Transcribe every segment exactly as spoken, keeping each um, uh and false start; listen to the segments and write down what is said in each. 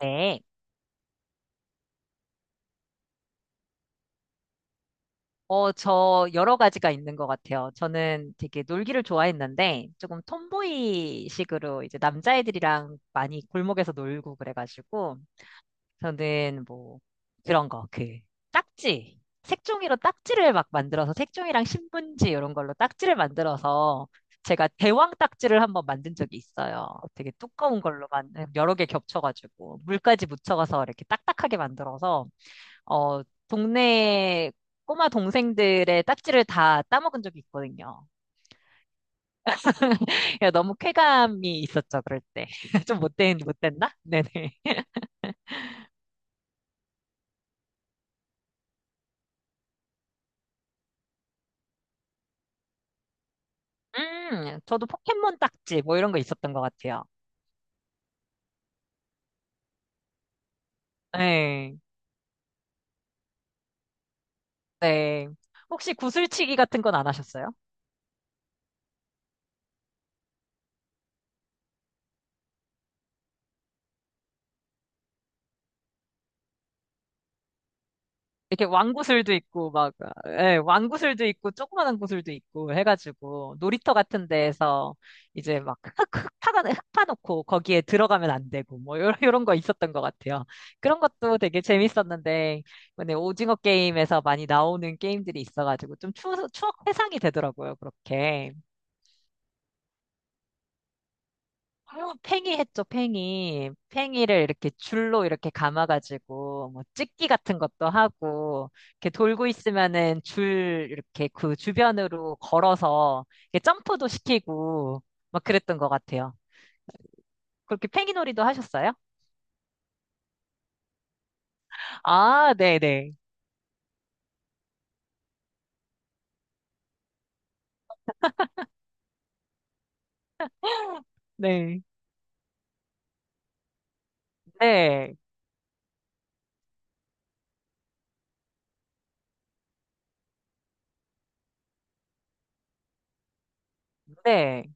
네. 어, 저 여러 가지가 있는 것 같아요. 저는 되게 놀기를 좋아했는데 조금 톰보이식으로 이제 남자애들이랑 많이 골목에서 놀고 그래가지고 저는 뭐 그런 거, 그 딱지. 색종이로 딱지를 막 만들어서 색종이랑 신문지 이런 걸로 딱지를 만들어서 제가 대왕 딱지를 한번 만든 적이 있어요. 되게 두꺼운 걸로 만 여러 개 겹쳐가지고 물까지 묻혀가서 이렇게 딱딱하게 만들어서 어, 동네 꼬마 동생들의 딱지를 다 따먹은 적이 있거든요. 그래서 너무 쾌감이 있었죠, 그럴 때. 좀 못된, 못됐나? 네네. 음, 저도 포켓몬 딱지 뭐 이런 거 있었던 것 같아요. 네, 네. 혹시 구슬치기 같은 건 안 하셨어요? 이렇게 왕구슬도 있고 막 예, 왕구슬도 있고 조그만한 구슬도 있고 해가지고 놀이터 같은 데에서 이제 막 흙, 흙 파가 흙 파놓고 거기에 들어가면 안 되고 뭐 이런 이런 거 있었던 것 같아요. 그런 것도 되게 재밌었는데 이번에 오징어 게임에서 많이 나오는 게임들이 있어가지고 좀 추, 추억 회상이 되더라고요. 그렇게. 아 팽이 했죠, 팽이. 팽이를 이렇게 줄로 이렇게 감아가지고, 뭐, 찍기 같은 것도 하고, 이렇게 돌고 있으면은 줄, 이렇게 그 주변으로 걸어서, 이렇게 점프도 시키고, 막 그랬던 것 같아요. 그렇게 팽이놀이도 하셨어요? 아, 네네. 네. 네, 네,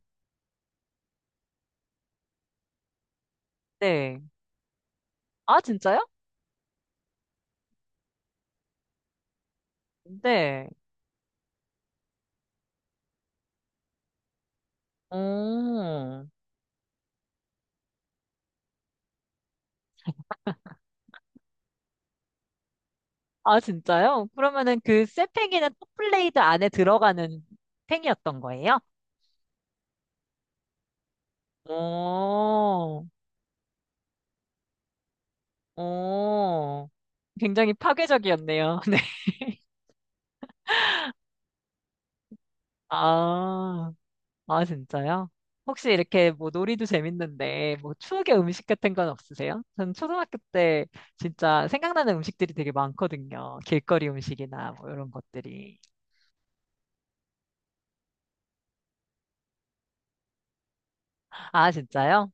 네. 아, 진짜요? 네. 오. 아, 진짜요? 그러면은 그 쇠팽이는 톱플레이드 안에 들어가는 팽이였던 거예요? 어, 어. 굉장히 파괴적이었네요. 네. 아, 아, 진짜요? 혹시 이렇게 뭐 놀이도 재밌는데 뭐 추억의 음식 같은 건 없으세요? 전 초등학교 때 진짜 생각나는 음식들이 되게 많거든요. 길거리 음식이나 뭐 이런 것들이. 아, 진짜요?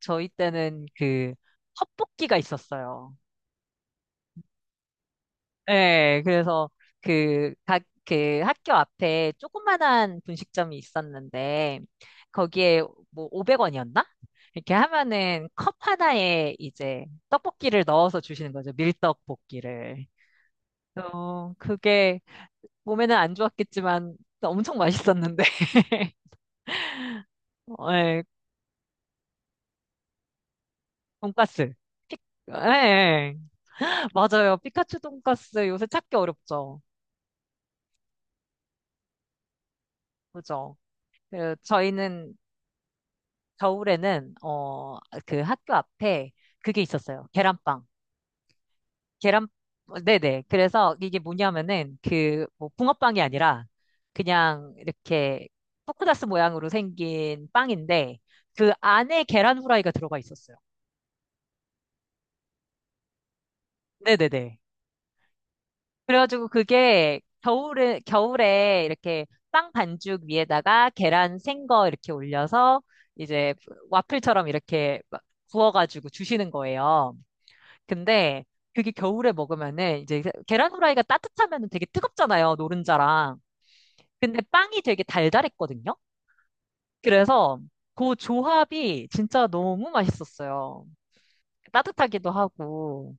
저희 때는 그 헛볶이가 있었어요. 네, 그래서 그, 각, 그 학교 앞에 조그만한 분식점이 있었는데, 거기에 뭐 오백 원이었나? 이렇게 하면은 컵 하나에 이제 떡볶이를 넣어서 주시는 거죠. 밀떡볶이를. 어, 그게 몸에는 안 좋았겠지만 엄청 맛있었는데. 예, 돈까스. 예, 예. 맞아요. 피카츄 돈까스 요새 찾기 어렵죠. 그죠? 그 저희는 겨울에는 어 그 학교 앞에 그게 있었어요. 계란빵. 계란 어, 네네. 그래서 이게 뭐냐면은 그 뭐 붕어빵이 아니라 그냥 이렇게 포크다스 모양으로 생긴 빵인데 그 안에 계란 후라이가 들어가 있었어요. 네네네. 그래가지고 그게 겨울에 겨울에 이렇게 빵 반죽 위에다가 계란 생거 이렇게 올려서 이제 와플처럼 이렇게 막 구워가지고 주시는 거예요. 근데 그게 겨울에 먹으면은 이제 계란 후라이가 따뜻하면은 되게 뜨겁잖아요, 노른자랑. 근데 빵이 되게 달달했거든요. 그래서 그 조합이 진짜 너무 맛있었어요. 따뜻하기도 하고.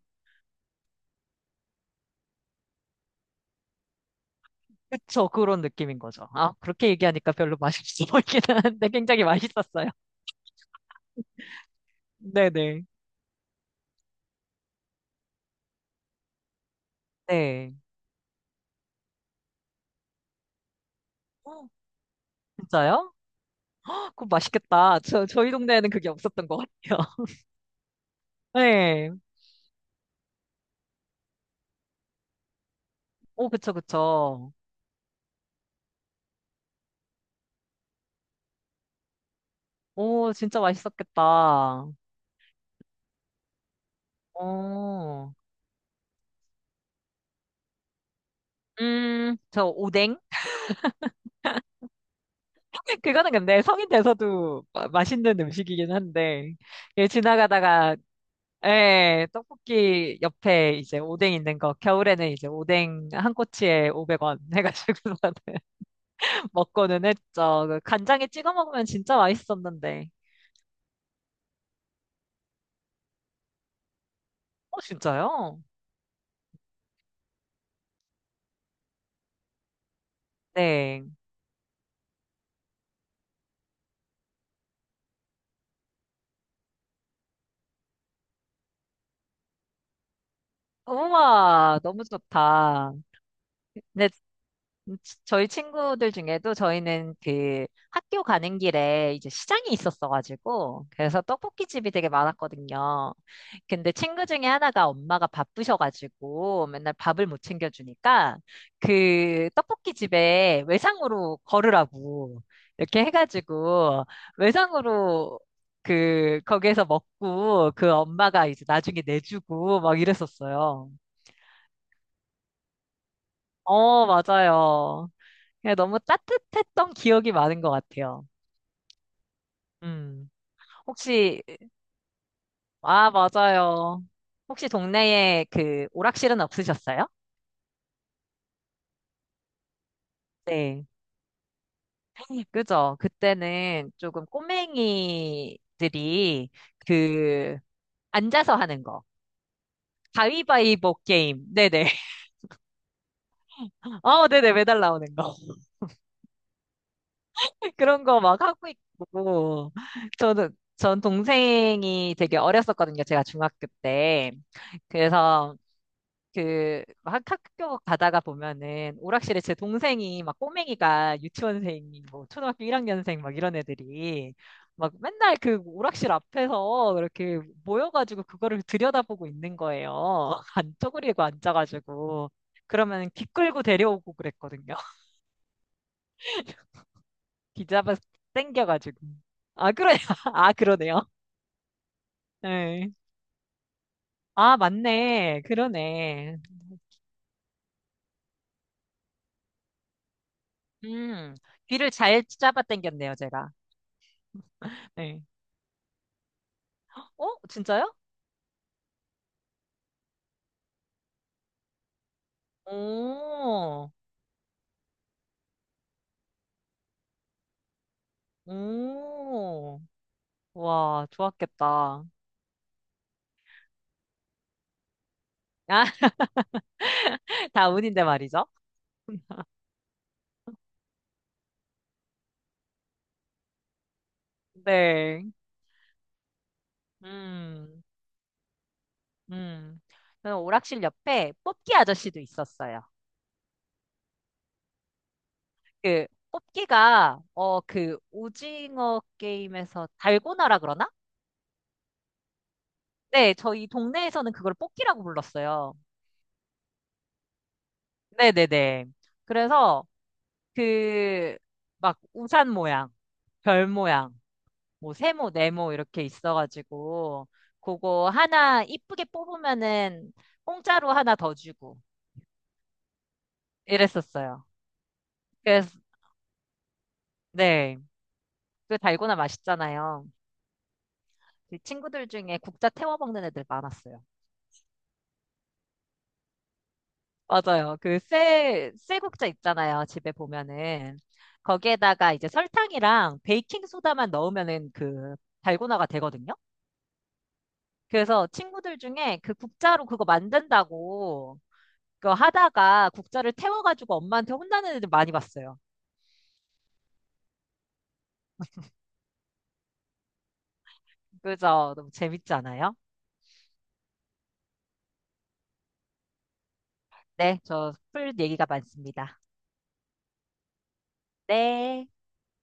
그쵸, 그런 느낌인 거죠. 아, 그렇게 얘기하니까 별로 맛있어 보이기는 한데 굉장히 맛있었어요. 네네. 네. 어, 진짜요? 헉, 그거 맛있겠다. 저, 저희 동네에는 그게 없었던 것 같아요. 네. 오, 그쵸, 그쵸. 오, 진짜 맛있었겠다. 어, 음, 저 오뎅? 그거는 근데 성인 돼서도 마- 맛있는 음식이긴 한데, 예, 지나가다가, 예, 떡볶이 옆에 이제 오뎅 있는 거, 겨울에는 이제 오뎅 한 꼬치에 오백 원 해가지고 먹고는 했죠. 그 간장에 찍어 먹으면 진짜 맛있었는데. 어, 진짜요? 네. 우와, 너무 좋다. 근데 음, 치- 저희 친구들 중에도 저희는 그 학교 가는 길에 이제 시장이 있었어가지고 그래서 떡볶이 집이 되게 많았거든요. 근데 친구 중에 하나가 엄마가 바쁘셔가지고 맨날 밥을 못 챙겨주니까 그 떡볶이 집에 외상으로 걸으라고 이렇게 해가지고 외상으로 그 거기에서 먹고 그 엄마가 이제 나중에 내주고 막 이랬었어요. 어, 맞아요. 그냥 너무 따뜻했던 기억이 많은 것 같아요. 음. 혹시, 아, 맞아요. 혹시 동네에 그 오락실은 없으셨어요? 네. 그죠. 그때는 조금 꼬맹이들이 그 앉아서 하는 거. 가위바위보 게임. 네네. 어, 네네. 매달 나오는 거. 그런 거 막 하고 있고. 저는, 전 동생이 되게 어렸었거든요. 제가 중학교 때. 그래서 그, 막 학- 학교 가다가 보면은 오락실에 제 동생이 막 꼬맹이가 유치원생이 뭐 초등학교 일 학년생 막 이런 애들이 막 맨날 그 오락실 앞에서 이렇게 모여가지고 그거를 들여다보고 있는 거예요. 안 쪼그리고 앉아가지고. 그러면 귀 끌고 데려오고 그랬거든요. 귀 잡아서 땡겨가지고. 아, 그래. 아, 그러네요. 네. 아, 맞네. 그러네. 음. 귀를 잘 잡아 당겼네요, 제가. 네. 어? 진짜요? 오, 오, 와, 좋았겠다. 아, 다 운인데 말이죠. 네. 음, 음. 저는 오락실 옆에 뽑기 아저씨도 있었어요. 그, 뽑기가, 어, 그, 오징어 게임에서 달고나라 그러나? 네, 저희 동네에서는 그걸 뽑기라고 불렀어요. 네네네. 그래서, 그, 막, 우산 모양, 별 모양, 뭐 세모, 네모 이렇게 있어가지고 그거 하나 이쁘게 뽑으면은 공짜로 하나 더 주고 이랬었어요. 그래서 네, 그 달고나 맛있잖아요. 그 친구들 중에 국자 태워 먹는 애들 많았어요. 맞아요. 그 쇠, 쇠국자 있잖아요. 집에 보면은 거기에다가 이제 설탕이랑 베이킹 소다만 넣으면은 그 달고나가 되거든요. 그래서 친구들 중에 그 국자로 그거 만든다고 그거 하다가 국자를 태워가지고 엄마한테 혼나는 애들 많이 봤어요. 그죠? 너무 재밌지 않아요? 네, 저 풀 얘기가 많습니다. 네.